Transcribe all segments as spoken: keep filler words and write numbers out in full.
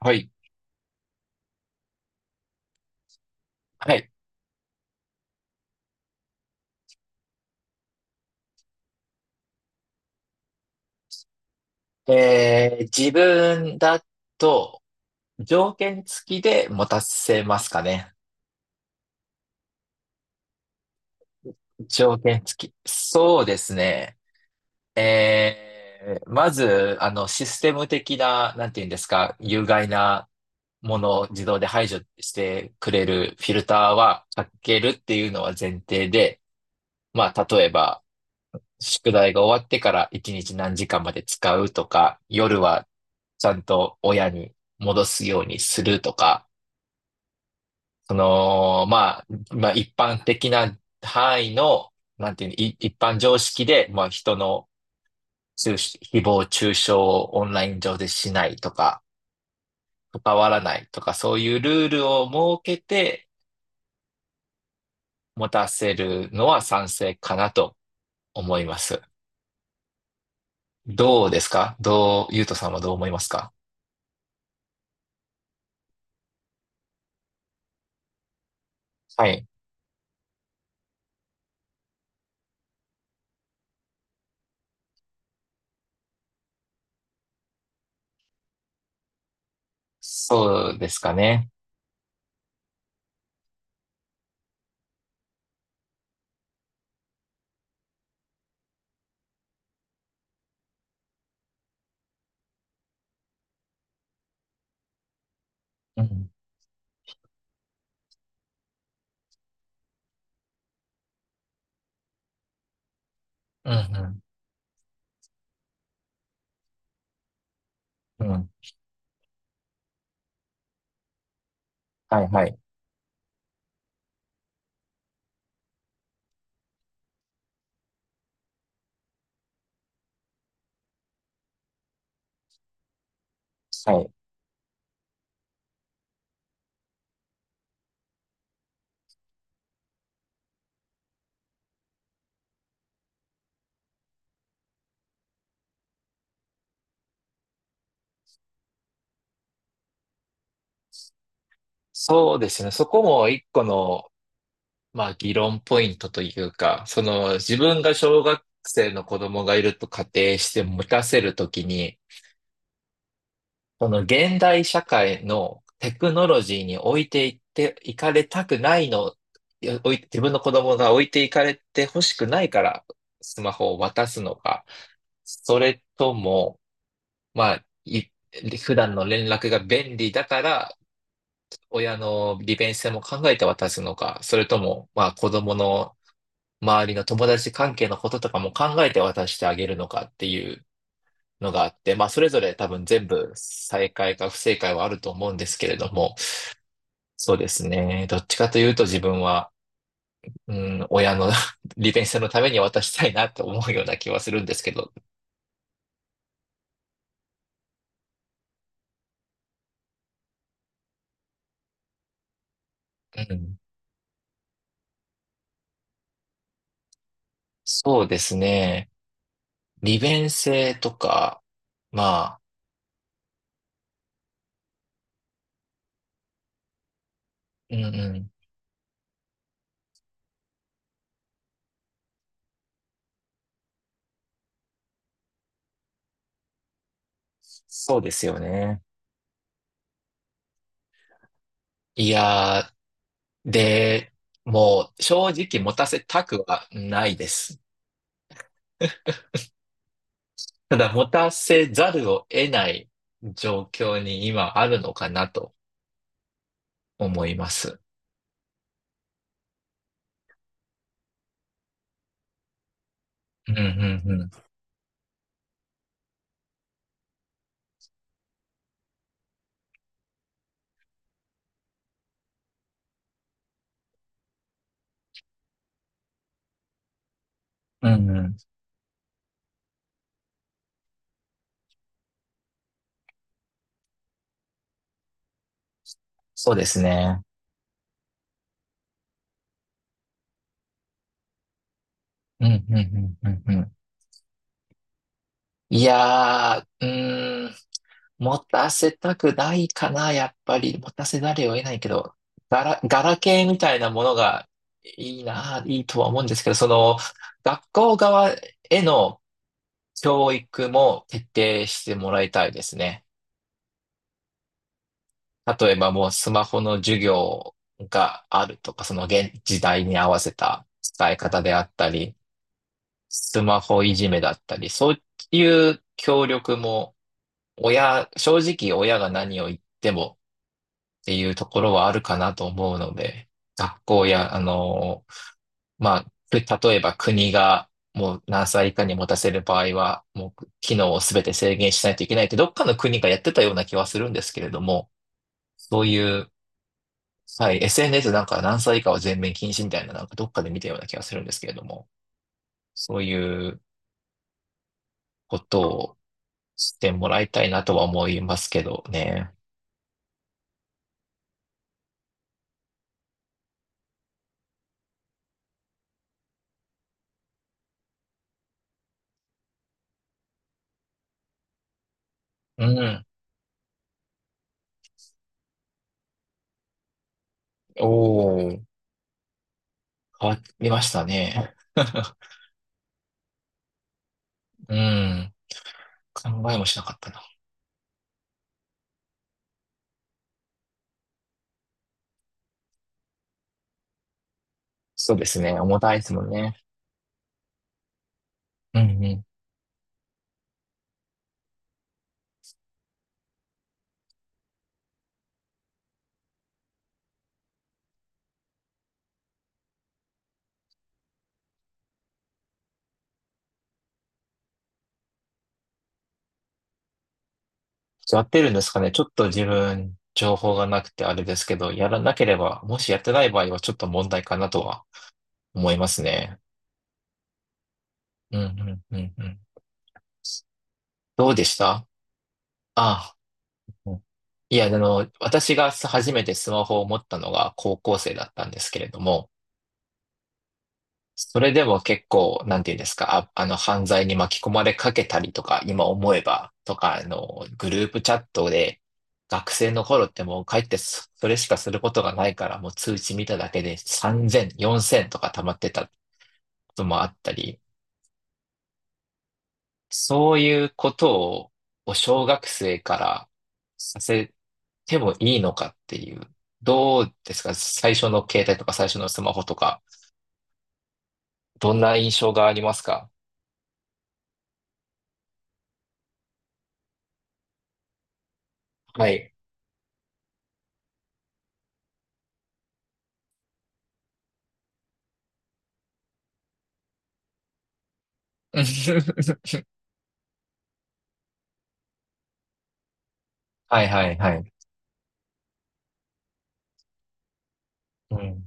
はい。はい。えー、自分だと、条件付きで持たせますかね。条件付き。そうですね。えー、まず、あの、システム的な、なんていうんですか、有害なものを自動で排除してくれるフィルターはかけるっていうのは前提で、まあ、例えば、宿題が終わってからいちにち何時間まで使うとか、夜はちゃんと親に戻すようにするとか、その、まあ、まあ、一般的な範囲の、なんていうの、い一般常識で、まあ、人の中傷誹謗中傷をオンライン上でしないとか、関わらないとか、そういうルールを設けて持たせるのは賛成かなと思います。どうですかどう、ゆうとさんはどう思いますか？はい。そうですかね。うん。うん、うん、うん。はい、はい。はい。そうですね。そこも一個の、まあ、議論ポイントというか、その自分が小学生の子供がいると仮定して持たせるときに、その現代社会のテクノロジーに置いていっていかれたくないの、いや置い自分の子供が置いていかれて欲しくないからスマホを渡すのか、それとも、まあ、い普段の連絡が便利だから、親の利便性も考えて渡すのか、それとも、まあ、子供の周りの友達関係のこととかも考えて渡してあげるのかっていうのがあって、まあそれぞれ多分全部正解か不正解はあると思うんですけれども、そうですね。どっちかというと自分は、うん、親の 利便性のために渡したいなと思うような気はするんですけど、うん、そうですね。利便性とか、まあ、うんうん、そうですよね。いやー、で、もう正直持たせたくはないです。ただ持たせざるを得ない状況に今あるのかなと思います。うんうんうん。うんうん。そうですね。うんうんうんうんうん。いやー、うーん、持たせたくないかな、やっぱり。持たせざるを得ないけど、ガラ、ガラケーみたいなものがいいな、いいとは思うんですけど、その、学校側への教育も徹底してもらいたいですね。例えばもうスマホの授業があるとか、その現時代に合わせた使い方であったり、スマホいじめだったり、そういう協力も親、正直親が何を言ってもっていうところはあるかなと思うので、学校や、あの、まあ、く例えば国がもう何歳以下に持たせる場合は、もう機能を全て制限しないといけないって、どっかの国がやってたような気はするんですけれども、そういうはい、エスエヌエス なんか何歳以下は全面禁止みたいな、なんかどっかで見たような気がするんですけれども、そういうことをしてもらいたいなとは思いますけどね。うん。おー、変わりましたね。うん。考えもしなかったな。そうですね。重たいですもんね。うんうん。やってるんですかね。ちょっと自分、情報がなくてあれですけど、やらなければ、もしやってない場合はちょっと問題かなとは思いますね。うんうんうんうん。どうでしたああ、いや、あの、私が初めてスマホを持ったのが高校生だったんですけれども、それでも結構、なんていうんですか、あ、あの、犯罪に巻き込まれかけたりとか、今思えば、とか、あの、グループチャットで、学生の頃ってもう帰ってそそれしかすることがないから、もう通知見ただけでさんぜん、よんせんとか溜まってたこともあったり、そういうことを、小学生からさせてもいいのかっていう、どうですか最初の携帯とか最初のスマホとか、どんな印象がありますか？はい。はいはいはい。うん。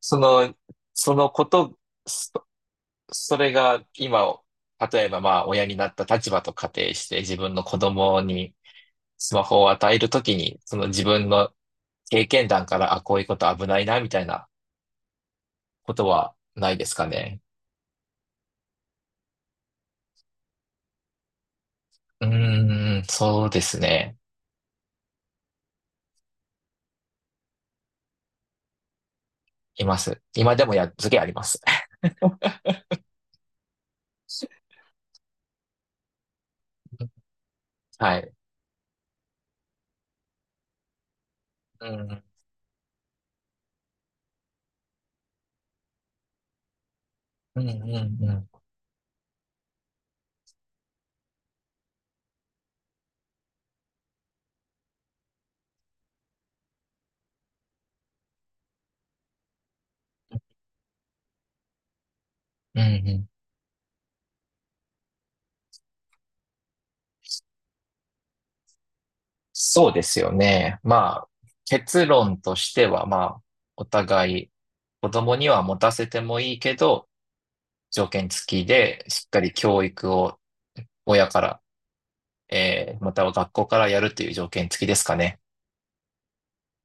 その、そのこと、そ、それが今、例えばまあ親になった立場と仮定して自分の子供にスマホを与えるときに、その自分の経験談から、あ、こういうこと危ないな、みたいなことはないですかね。うーん、そうですね。います。今でもやっつけあります。はい。うん、うん、うん、うん。うん、うん。そうですよね。まあ、結論としては、まあ、お互い子供には持たせてもいいけど、条件付きで、しっかり教育を親から、えーまたは学校からやるという条件付きですかね。